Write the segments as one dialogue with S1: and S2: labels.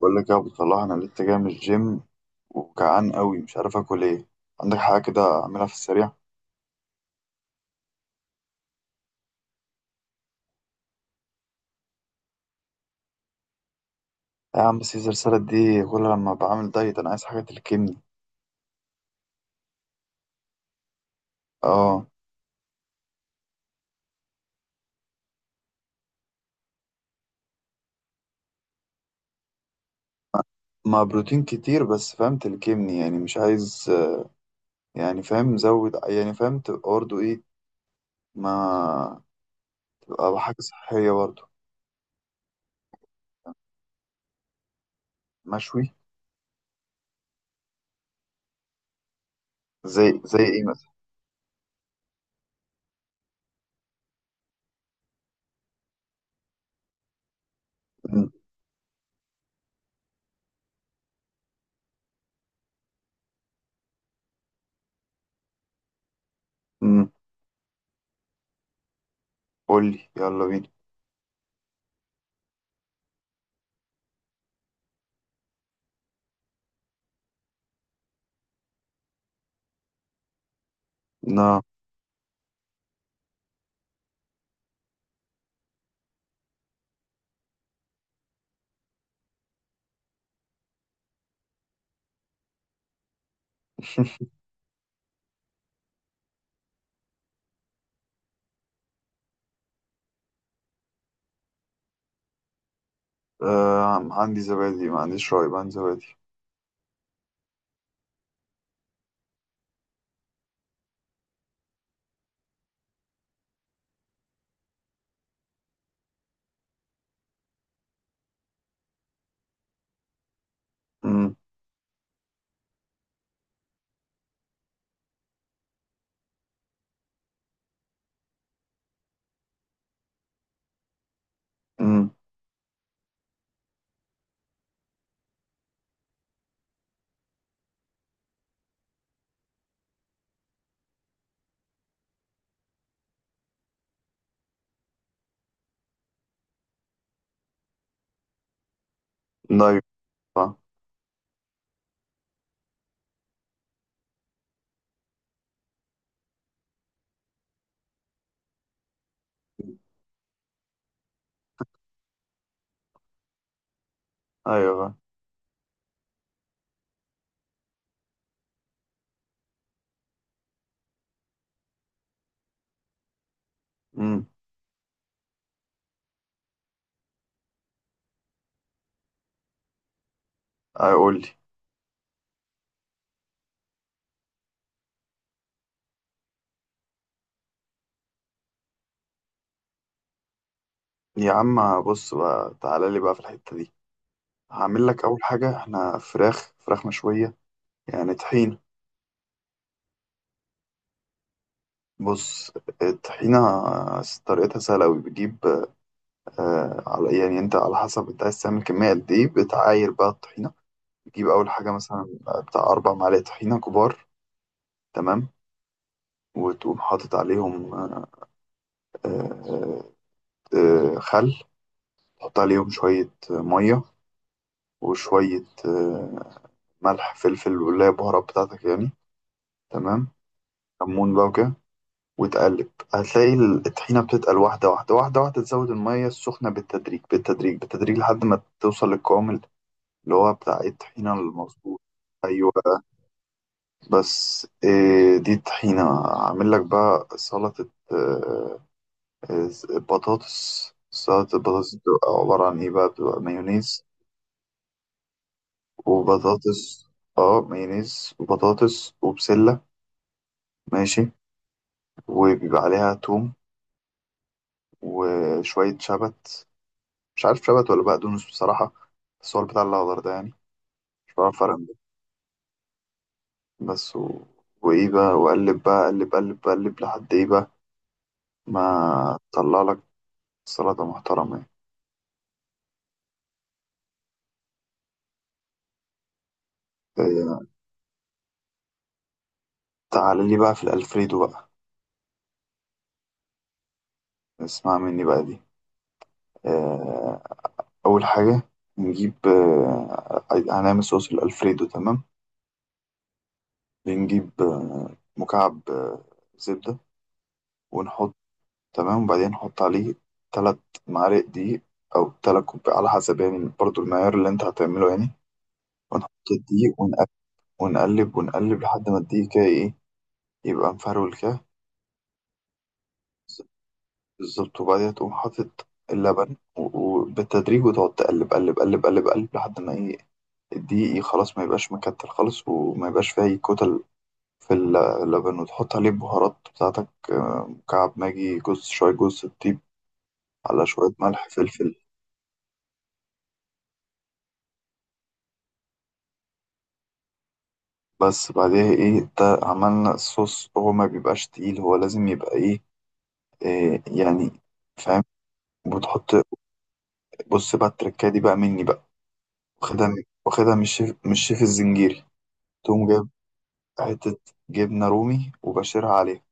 S1: بقول لك يا ابو صلاح، انا لسه جاي من الجيم وجعان قوي، مش عارف اكل ايه. عندك حاجه كده اعملها في السريع؟ يا عم، سيزر سالاد دي كلها لما بعمل دايت. انا عايز حاجه تلكمني. اه. مع بروتين كتير بس فاهم، تلكمني يعني، مش عايز يعني فاهم زود، يعني فاهم تبقى برضه ايه. ما تبقى حاجه صحيه برضه. مشوي. زي ايه مثلا؟ مم، مم. قول لي، يلا بينا. نا آه، عندي زبادي، ما عنديش رايب، عندي زبادي. مم، مم. دايت. آه. ايوه، آه. امم. اقول لي. يا عم، بص بقى، تعالى لي بقى في الحتة دي. هعمل لك اول حاجة. احنا فراخ مشوية. يعني طحين. بص. الطحينة طريقتها سهلة أوي. بتجيب على يعني، أنت على حسب أنت عايز تعمل كمية قد إيه، بتعاير بقى الطحينة. بتجيب أول حاجة مثلا بتاع أربع معالق طحينة كبار. تمام. وتقوم حاطط عليهم آه آه آه، خل تحط عليهم شوية مية وشوية ملح فلفل، واللي هي البهارات بتاعتك يعني. تمام. كمون بقى وكده، وتقلب هتلاقي الطحينة بتتقل، واحدة واحدة واحدة واحدة تزود المية السخنة بالتدريج بالتدريج بالتدريج لحد ما توصل للقوام اللي هو بتاع إيه، الطحينة المظبوط. أيوة. بس إيه، دي الطحينة. أعمل لك بقى سلطة آه، بطاطس. سلطة البطاطس بتبقى عبارة عن إيه بقى؟ بتبقى مايونيز وبطاطس. اه مايونيز وبطاطس وبسلة. ماشي. وبيبقى عليها توم وشوية شبت، مش عارف شبت ولا بقدونس بصراحة، بس هو البتاع الأخضر ده يعني، مش بعرف أفرق بينهم. بس وإيه بقى، وأقلب بقى، أقلب أقلب أقلب لحد إيه بقى، ما طلع لك سلطة محترمة يعني. إيه، تعال لي بقى في الألفريدو بقى. اسمع مني بقى دي. آه، أول حاجة نجيب هنعمل صوص الألفريدو. تمام. بنجيب مكعب زبدة ونحط. تمام. وبعدين حط عليه تلات معالق دقيق، أو تلات كوب، على حسب يعني برضو المعيار اللي أنت هتعمله يعني. ونحط الدقيق ونقلب ونقلب ونقلب لحد ما الدقيق كده إيه، يبقى مفرول كده. بالظبط. وبعدين تقوم حاطط اللبن و- وبالتدريج، وتقعد تقلب قلب قلب قلب قلب لحد ما إيه، الدقيق إيه خلاص ما يبقاش مكتل خالص، وما يبقاش فيه أي كتل في اللبن. وتحط عليه البهارات بتاعتك، مكعب ماجي، جوز شوية جوز الطيب، على شوية ملح فلفل. بس بعدها ايه، ده عملنا الصوص، هو ما بيبقاش تقيل، هو لازم يبقى ايه، إيه يعني، فاهم؟ بتحط. بص بقى، التركايه دي بقى مني بقى. واخدها من الشيف الزنجيري. تقوم جايب حتة جبنة رومي وبشرها عليها.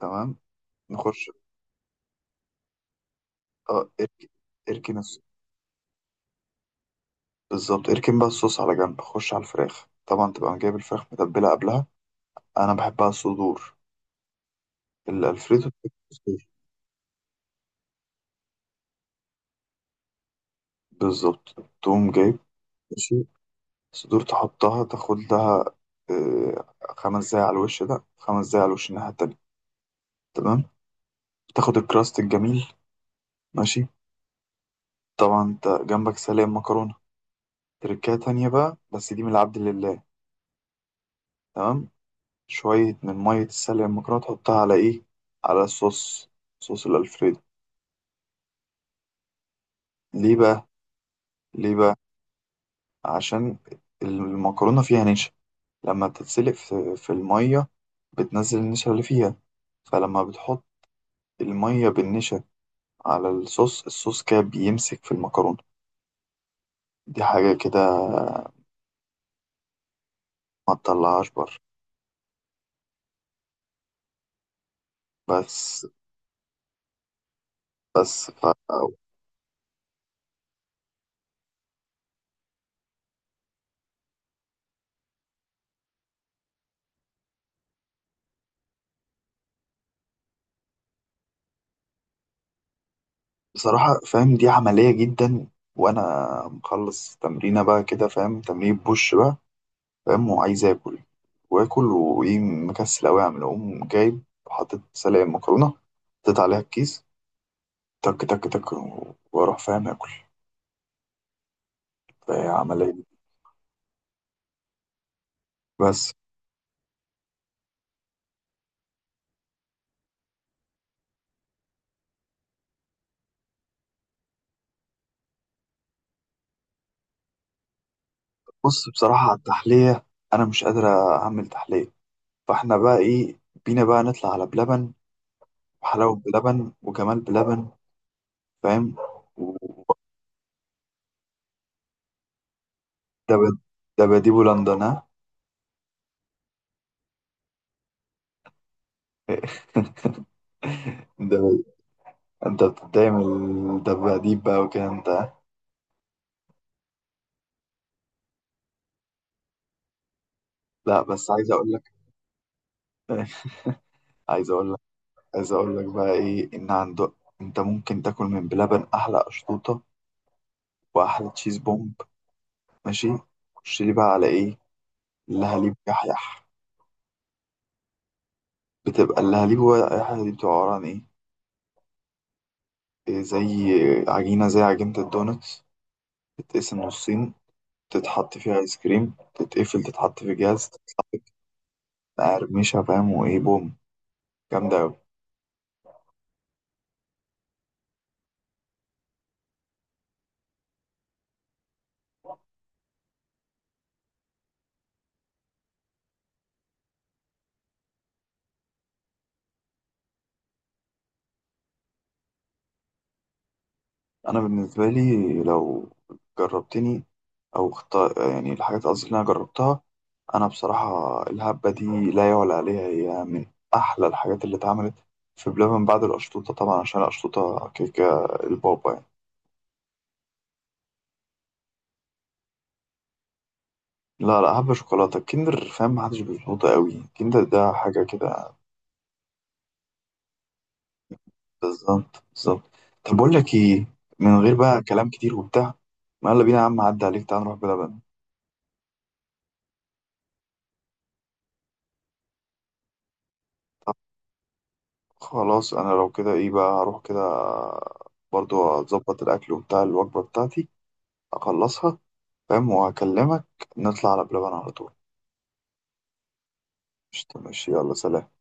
S1: تمام. نخش. اه ارك- اركن الص- بالظبط، اركن بقى الصوص على جنب، خش على الفراخ. طبعا تبقى جايب الفراخ متبلة قبلها. انا بحبها صدور الالفريدو. بالظبط. تقوم جايب. ماشي. صدور تحطها، تاخد لها آه، خمس دقايق على الوش ده، خمس دقايق على الوش الناحية التانية. تمام. تاخد الكراست الجميل. ماشي. طبعا انت جنبك سلق مكرونة. تركاية تانية بقى، بس دي من العبد لله. تمام. شوية من مية السلق المكرونة تحطها على ايه؟ على الصوص، صوص الألفريدو. ليه بقى؟ ليه بقى؟ عشان المكرونة فيها نشا. لما تتسلق في المية، بتنزل النشا اللي فيها. فلما بتحط المية بالنشا على الصوص، الصوص كده بيمسك في المكرونة. دي حاجة كده ما تطلعهاش بره. بس. بس بصراحة فاهم، دي عملية جدا. وأنا مخلص تمرينة بقى كده، فاهم، تمرين بوش بقى، فاهم، وعايز آكل. وآكل وإيه، مكسل أوي أعمل، أقوم جايب، حاطط سلق المكرونة، حطيت عليها الكيس، تك تك تك، وأروح فاهم آكل. فهي عملية دي. بس. بص، بصراحة على التحلية أنا مش قادر أعمل تحلية. فاحنا بقى ايه، بينا بقى نطلع على بلبن، وحلاوة بلبن، وجمال بلبن، فاهم. و- دب- دباديبو لندن، ها؟ دب- انت بتتضايق من الدباديب بقى وكده انت، ها؟ لا، بس عايز اقول لك. عايز اقول لك. عايز اقول لك بقى ايه، ان عندك انت ممكن تاكل من بلبن احلى اشطوطة، واحلى تشيز بومب. ماشي. خش لي بقى على ايه، اللهاليب يحيح. بتبقى اللهاليب هو يحيح دي، بتبقى عبارة عن ايه؟ إيه، زي عجينة الدونتس. تتقسم نصين، تتحط فيها ايس كريم، تتقفل، تتحط في جهاز. مقرمشة فاهم، وايه بوم، جامدة أوي. أنا بالنسبة لي، لو جربتني يعني الحاجات، قصدي اللي أنا جربتها، أنا بصراحة الهبة دي لا يعلى عليها، هي من أحلى الحاجات اللي اتعملت في بلبن بعد القشطوطة طبعا، عشان القشطوطة كيكة البابا يعني. لا لا، هبة شوكولاتة. الكندر فاهم محدش بيظبطها أوي، الكندر ده حاجة كده. بالظبط، بالظبط. طب بقول لك ايه، من غير بقى كلام كتير وبتاع. ما يلا بينا يا عم، عدى عليك، تعال نروح بلبن. خلاص، انا لو كده ايه بقى، هروح كده برضو اظبط الاكل وبتاع، الوجبه بتاعتي اخلصها، فاهم، وهكلمك نطلع على بلبن على طول. مش، ماشي، يلا سلام.